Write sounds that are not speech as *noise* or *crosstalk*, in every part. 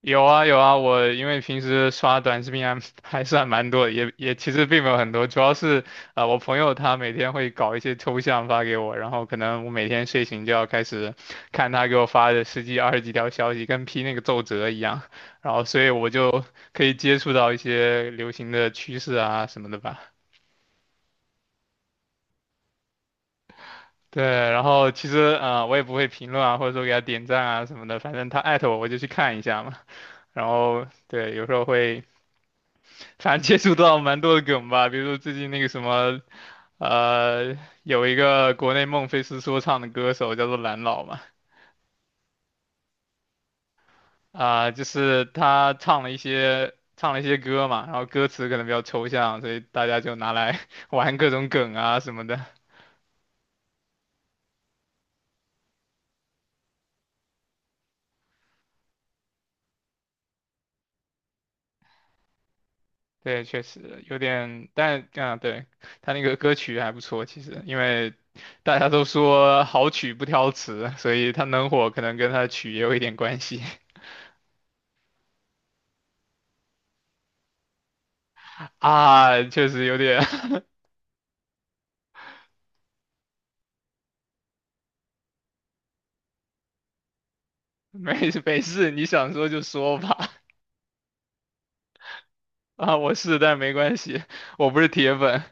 有啊有啊，我因为平时刷短视频还 *laughs* 还算蛮多的也其实并没有很多，主要是我朋友他每天会搞一些抽象发给我，然后可能我每天睡醒就要开始看他给我发的十几二十几条消息，跟批那个奏折一样，然后所以我就可以接触到一些流行的趋势啊什么的吧。对，然后其实我也不会评论啊，或者说给他点赞啊什么的，反正他艾特我就去看一下嘛。然后对，有时候会反正接触到蛮多的梗吧，比如说最近那个什么，呃，有一个国内孟菲斯说唱的歌手叫做蓝老嘛，啊、就是他唱了一些歌嘛，然后歌词可能比较抽象，所以大家就拿来 *laughs* 玩各种梗啊什么的。对，确实有点，但啊，对，他那个歌曲还不错，其实因为大家都说好曲不挑词，所以他能火可能跟他的曲也有一点关系。 *laughs* 啊，确实有点。 *laughs* 没没事，你想说就说吧。*laughs* 啊，我是，但没关系，我不是铁粉，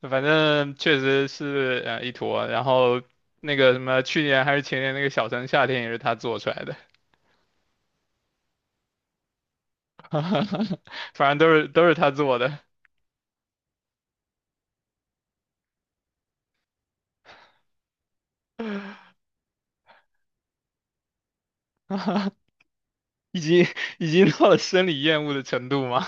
反正确实是啊一坨。然后那个什么，去年还是前年那个《小城夏天》也是他做出来的，*laughs* 反正都是他做的，*laughs* 已经已经到了生理厌恶的程度吗？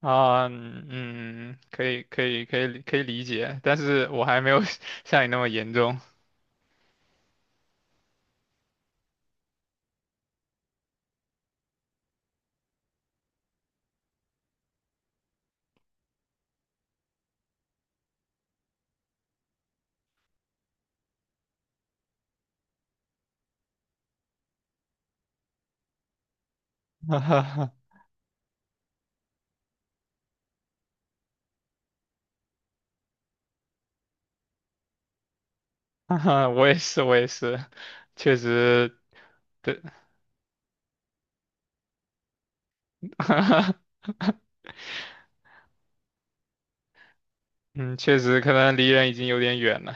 啊，嗯，可以理解，但是我还没有 *laughs* 像你那么严重。*laughs* 哈哈哈我也是，我也是，确实，对，*laughs* 嗯，确实可能离人已经有点远了。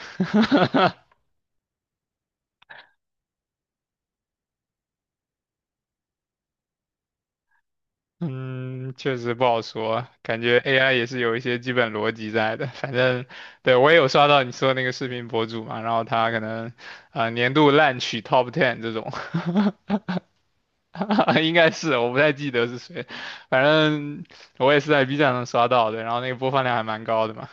*laughs* 嗯，确实不好说，感觉 AI 也是有一些基本逻辑在的。*laughs* 反正，对，我也有刷到你说的那个视频博主嘛，然后他可能年度烂曲 Top Ten 这种。*laughs* 应该是我不太记得是谁，反正我也是在 B 站上刷到的，然后那个播放量还蛮高的嘛。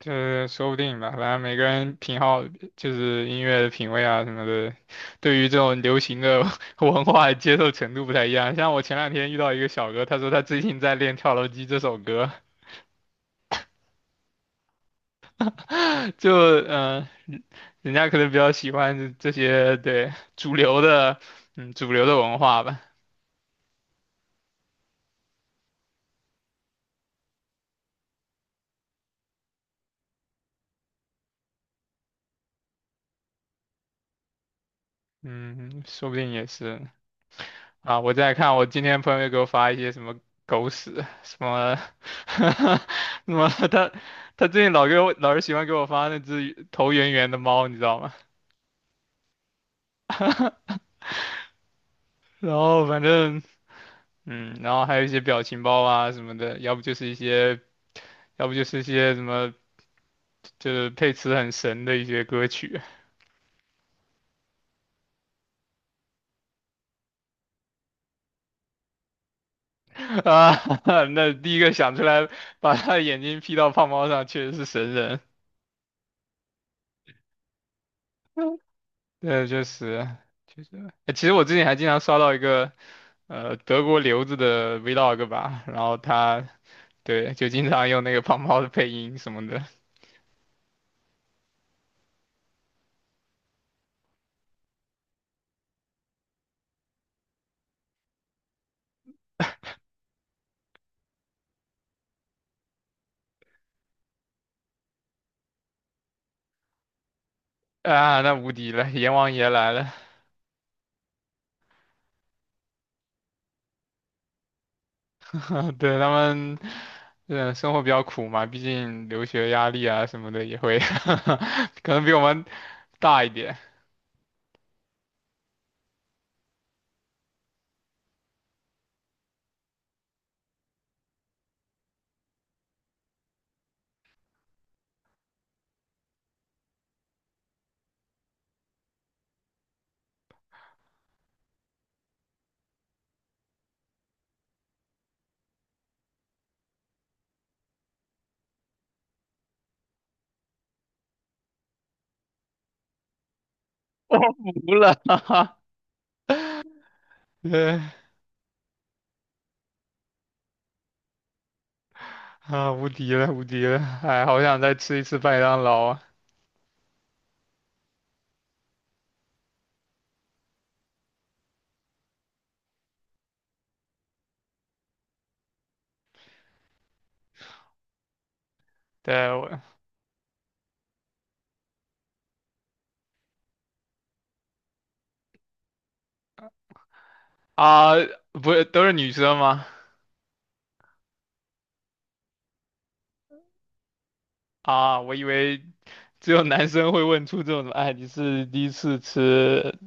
就是说不定吧，反正每个人品好，就是音乐的品味啊什么的，对于这种流行的 *laughs* 文化的接受程度不太一样。像我前两天遇到一个小哥，他说他最近在练《跳楼机》这首歌。*laughs* 就嗯、呃人家可能比较喜欢这些对主流的，嗯，主流的文化吧，嗯，说不定也是。啊，我在看，我今天朋友又给我发一些什么狗屎，什么，*laughs* 什么他最近老给我老是喜欢给我发那只头圆圆的猫，你知道吗？*laughs* 然后反正嗯，然后还有一些表情包啊什么的，要不就是一些，要不就是一些什么，就是配词很神的一些歌曲。 *laughs* 啊。*laughs* 那第一个想出来把他的眼睛 P 到胖猫上，确实是神人。*laughs* 对，就是，确实。哎其实我之前还经常刷到一个。德国留子的 vlog 吧，然后他对就经常用那个胖猫的配音什么的。啊，那无敌了，阎王爷来了。*laughs* 对他们，嗯，生活比较苦嘛，毕竟留学压力啊什么的也会，*laughs* 可能比我们大一点。我服了。*laughs* 哈哈，对啊，无敌了，无敌了，哎，好想再吃一次麦当劳啊！对我啊，不是都是女生吗？啊，我以为只有男生会问出这种什么哎，你是第一次吃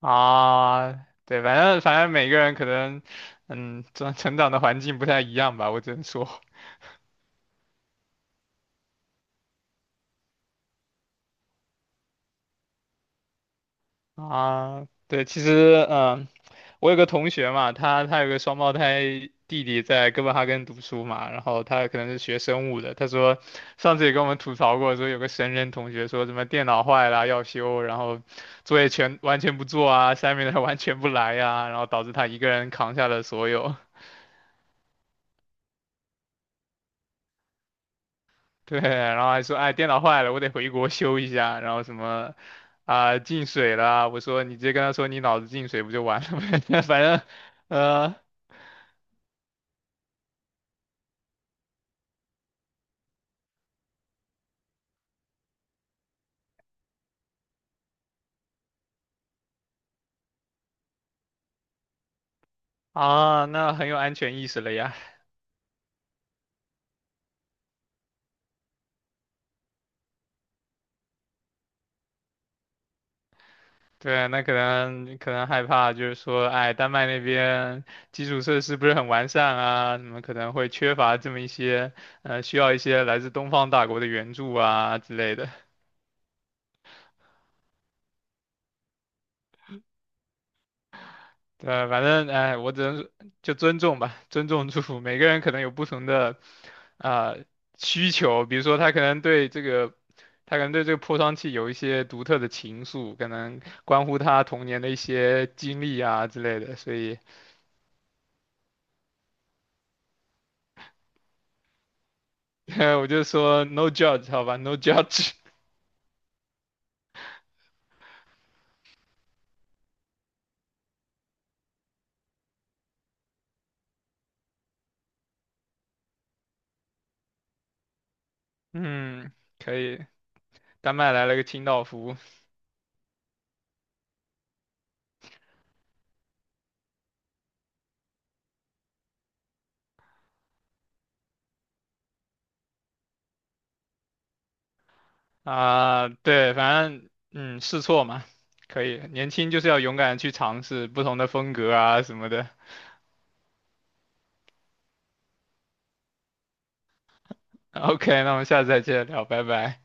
啊？对，反正反正每个人可能，嗯，成长的环境不太一样吧，我只能说啊，对，其实嗯、我有个同学嘛，他有个双胞胎弟弟在哥本哈根读书嘛，然后他可能是学生物的。他说上次也跟我们吐槽过，说有个神人同学说什么电脑坏了要修，然后作业全完全不做啊下面的 i 完全不来呀、然后导致他一个人扛下了所有。*laughs* 对，然后还说哎电脑坏了，我得回国修一下，然后什么进水了，我说你直接跟他说你脑子进水不就完了呗。*laughs* 反正呃啊那很有安全意识了呀。对，那可能害怕，就是说，哎，丹麦那边基础设施不是很完善啊，你们可能会缺乏这么一些，需要一些来自东方大国的援助啊之类的。对，反正哎，我只能说就尊重吧，尊重祝福。每个人可能有不同的啊、呃需求，比如说他可能对这个，他可能对这个破窗器有一些独特的情愫，可能关乎他童年的一些经历啊之类的，所以。*laughs* 我就说 no judge 好吧，no judge。*laughs* 嗯，可以。丹麦来了个清道夫。啊，对，反正嗯，试错嘛，可以。年轻就是要勇敢地去尝试不同的风格啊什么的。OK,那我们下次再接着聊，拜拜。